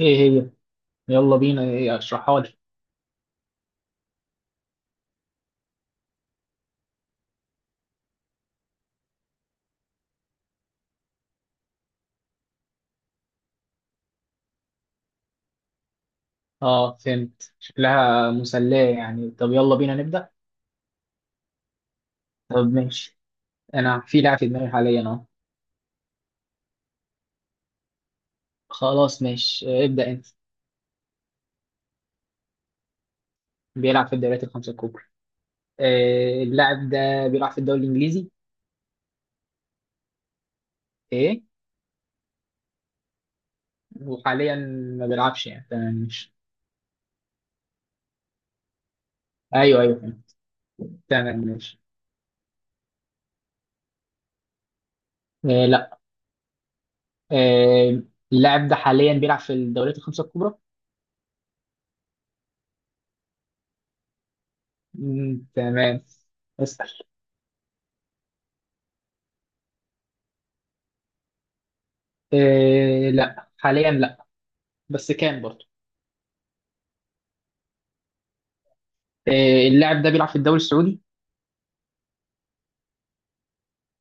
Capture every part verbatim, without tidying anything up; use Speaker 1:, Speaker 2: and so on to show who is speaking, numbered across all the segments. Speaker 1: ايه هي؟ يلا بينا، ايه؟ اشرحها لي. اه، فهمت. شكلها مسلية يعني. طب يلا بينا نبدأ. طب، ماشي. انا في لاعب في دماغي حاليا اهو. خلاص، ماشي. آه، ابدأ انت. بيلعب في الدوريات الخمسة الكبرى؟ آه، اللاعب ده بيلعب في الدوري الانجليزي. ايه؟ وحاليا ما بيلعبش يعني، تمام ماشي. ايوه، ايوه، فهمت. تمام ماشي. آه، لا. آه، اللاعب ده حاليا بيلعب في الدوريات الخمسة الكبرى؟ مم، تمام. اسأل. آه، لا، حاليا لا. بس كان برضه. آه، اللاعب ده بيلعب في الدوري السعودي؟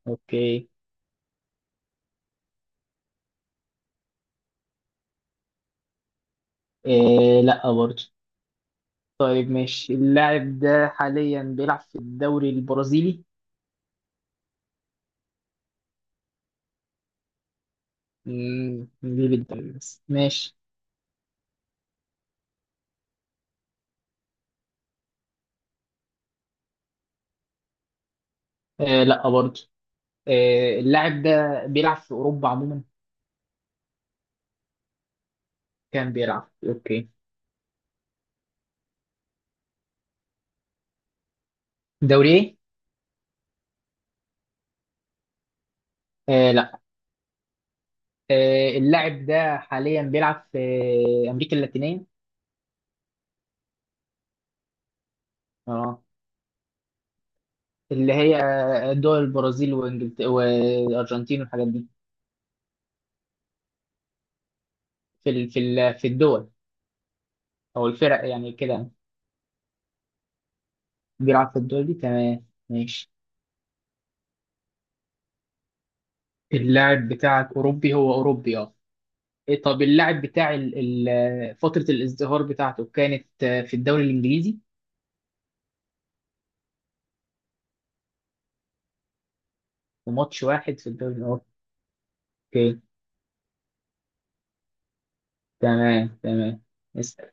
Speaker 1: اوكي. آه، لا برضه. طيب ماشي، اللاعب ده حاليا بيلعب في الدوري البرازيلي؟ مم، ليه بالدوري بس؟ ماشي. آه، لا برضه. آه، اللاعب ده بيلعب في اوروبا عموما؟ كان بيلعب، اوكي. دوري ايه؟ آه، لا. آه، اللاعب ده حاليا بيلعب في امريكا اللاتينيه؟ اه، اللي هي دول البرازيل وانجلترا والارجنتين والحاجات دي. في ال- في ال- في الدول او الفرق يعني كده. بيلعب في الدوري، تمام ماشي. اللاعب بتاعك أوروبي؟ هو أوروبي، اه. إيه، طب اللاعب بتاع ال- ال- فترة الازدهار بتاعته كانت آه، في الدوري الإنجليزي. وماتش واحد في الدوري؟ أوكي، تمام تمام. اسأل.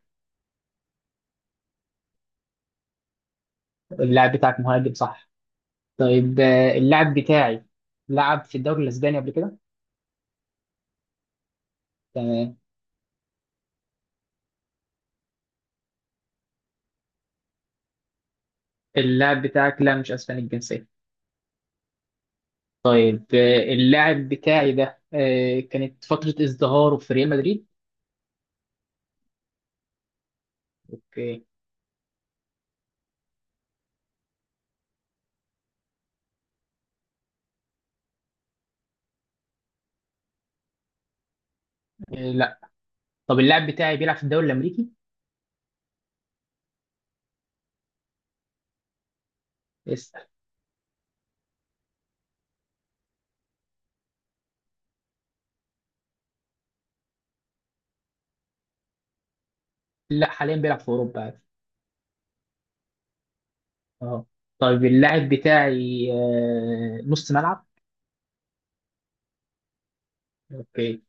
Speaker 1: اللاعب بتاعك مهاجم، صح؟ طيب، آه، اللاعب بتاعي لعب في الدوري الأسباني قبل كده. تمام. اللاعب بتاعك؟ لا، مش أسباني الجنسية. طيب، آه، اللاعب بتاعي ده، آه، كانت فترة ازدهاره في ريال مدريد؟ اوكي. آه، لا. طب اللاعب بتاعي بيلعب في الدوري الامريكي؟ اسال. لا، حاليا بيلعب في اوروبا عادي. اه. طيب اللاعب بتاعي آه، نص ملعب؟ اوكي.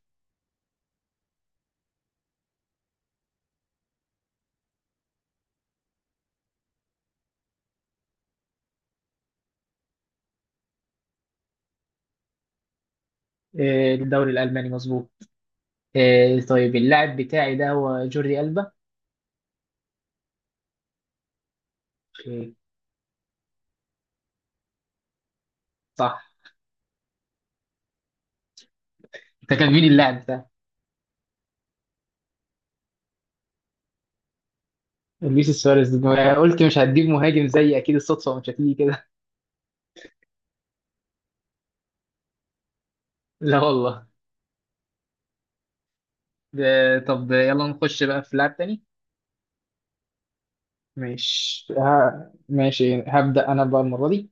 Speaker 1: آه، الدوري الالماني مظبوط. آه، طيب اللاعب بتاعي ده هو جوردي ألبا؟ اوكي. صح. انت كان مين اللاعب ده؟ لويس سواريز! ما قلت مش هتجيب مهاجم زي، اكيد الصدفه مش هتيجي كده. لا والله. ده. طب يلا نخش بقى في لاعب تاني. ماشي، ها. ماشي، هبدأ أنا بقى المرة دي.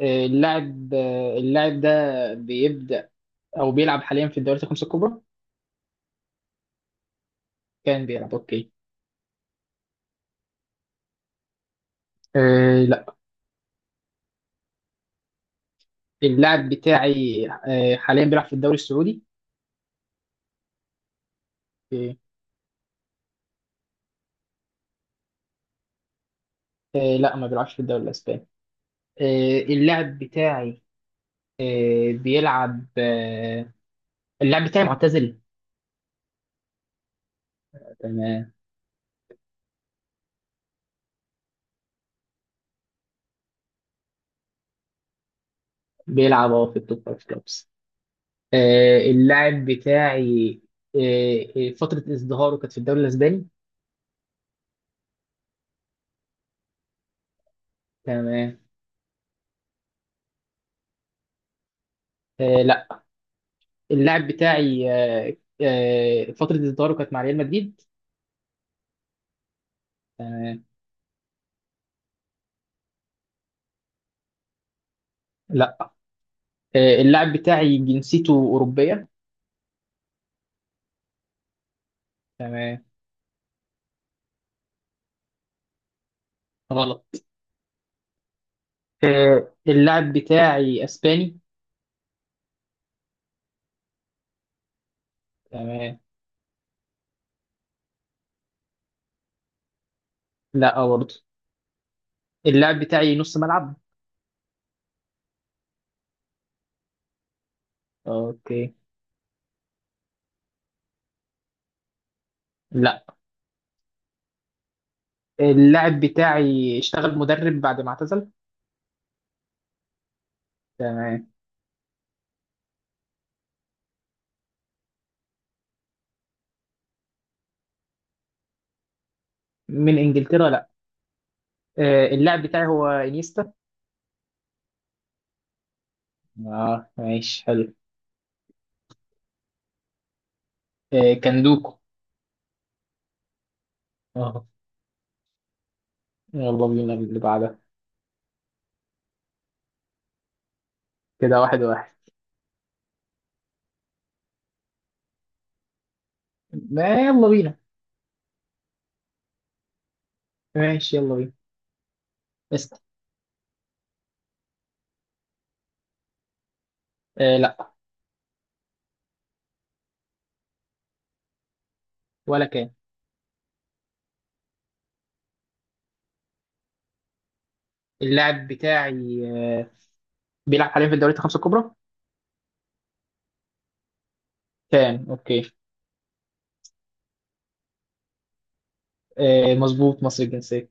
Speaker 1: آه، اللاعب آه، اللاعب ده بيبدأ او بيلعب حاليا في الدوريات الخمسه الكبرى؟ كان بيلعب، اوكي. آه، لا. اللاعب بتاعي آه حاليا بيلعب في الدوري السعودي؟ آه. آه، لا، ما بيلعبش في الدوري الاسباني. آه اللاعب بتاعي آه بيلعب آه اللاعب بتاعي معتزل. تمام. بيلعب، اه، في التوب فايف كلوبس. آه اللاعب بتاعي، آه آه، فترة ازدهاره كانت في الدوري الاسباني. تمام. آه، لا. اللاعب بتاعي، آه آه فترة ازدهاره كانت مع ريال مدريد؟ تمام. لا. آه، اللاعب بتاعي جنسيته أوروبية؟ تمام. غلط. آه، اللاعب بتاعي اسباني. تمام. لا، آه، برضه. اللاعب بتاعي نص ملعب. اوكي. لا. اللاعب بتاعي اشتغل مدرب بعد ما اعتزل؟ تمام. من انجلترا؟ لا. آه، اللاعب بتاعي هو انيستا. اه، ماشي، حلو. آه، كندوكو. اه. يلا بينا اللي بعدها. كده، واحد واحد. ما يلا بينا. ماشي، يلا بينا. اسأل. آه، لا. ولا كان. اللاعب بتاعي آه، بيلعب حاليا في الدوريات الخمسة الكبرى؟ كان، اوكي. آه، مظبوط، مصري الجنسية.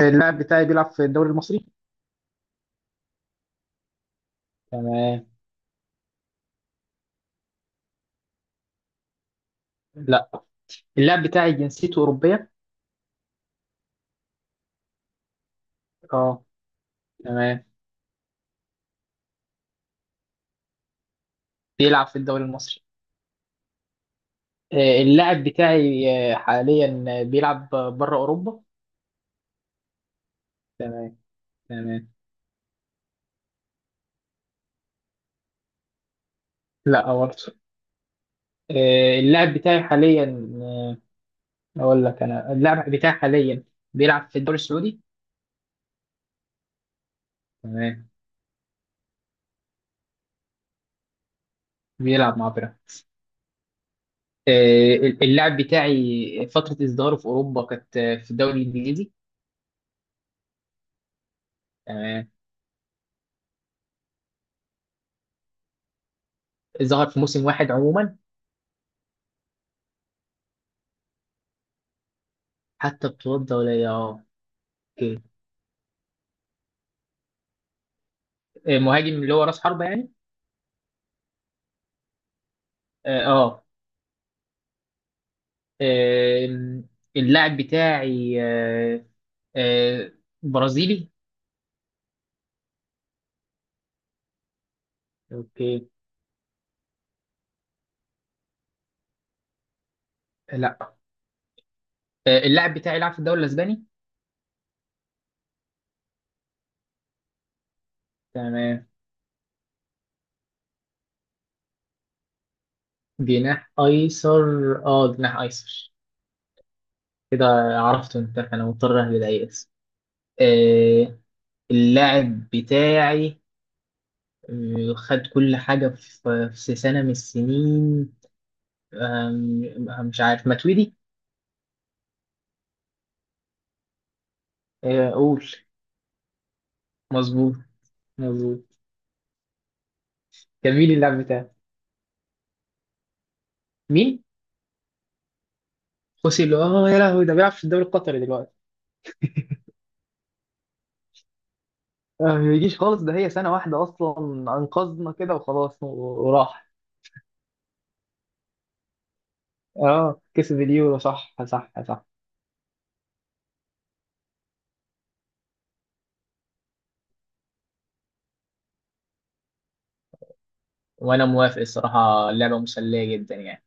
Speaker 1: اللاعب بتاعي بيلعب في الدوري المصري؟ تمام. لا. اللاعب بتاعي جنسيته أوروبية؟ اه. تمام. بيلعب في الدوري المصري. آه اللاعب بتاعي آه حاليا، آه، بيلعب بره أوروبا. تمام، تمام. لا برضه. آه اللاعب بتاعي حاليا، آه أقول لك، أنا اللاعب بتاعي حاليا بيلعب في الدوري السعودي؟ تمام. بيلعب مع بيراميدز؟ آه، اللاعب بتاعي فترة إصداره في أوروبا كانت آه، في الدوري الإنجليزي. آه، ظهر في موسم واحد عموما. حتى بطولات دولية، اه. اوكي. آه، مهاجم اللي هو رأس حربة يعني؟ اه، آه. آم، اللاعب بتاعي آه، آه، برازيلي؟ اوكي. لا. آه، اللاعب بتاعي لعب في الدوري الإسباني. تمام. جناح أيسر؟ اه، جناح أيسر. كده عرفته انت، انا مضطر اهبد اي اسم. آه، اللاعب بتاعي آه، خد كل حاجة في في سنة من السنين. آم، آه، مش عارف، ماتويدي؟ آه، قول. مظبوط، مظبوط. جميل اللعب بتاعه. مين؟ خوسي لو! اه، يا لهوي، ده بيلعب في الدوري القطري دلوقتي. آه، ما يجيش خالص، ده هي سنة واحدة أصلا. أنقذنا كده وخلاص، و- وراح. اه، كسب اليورو، صح، صح، صح. وأنا موافق. الصراحة اللعبة مسلية جدا يعني.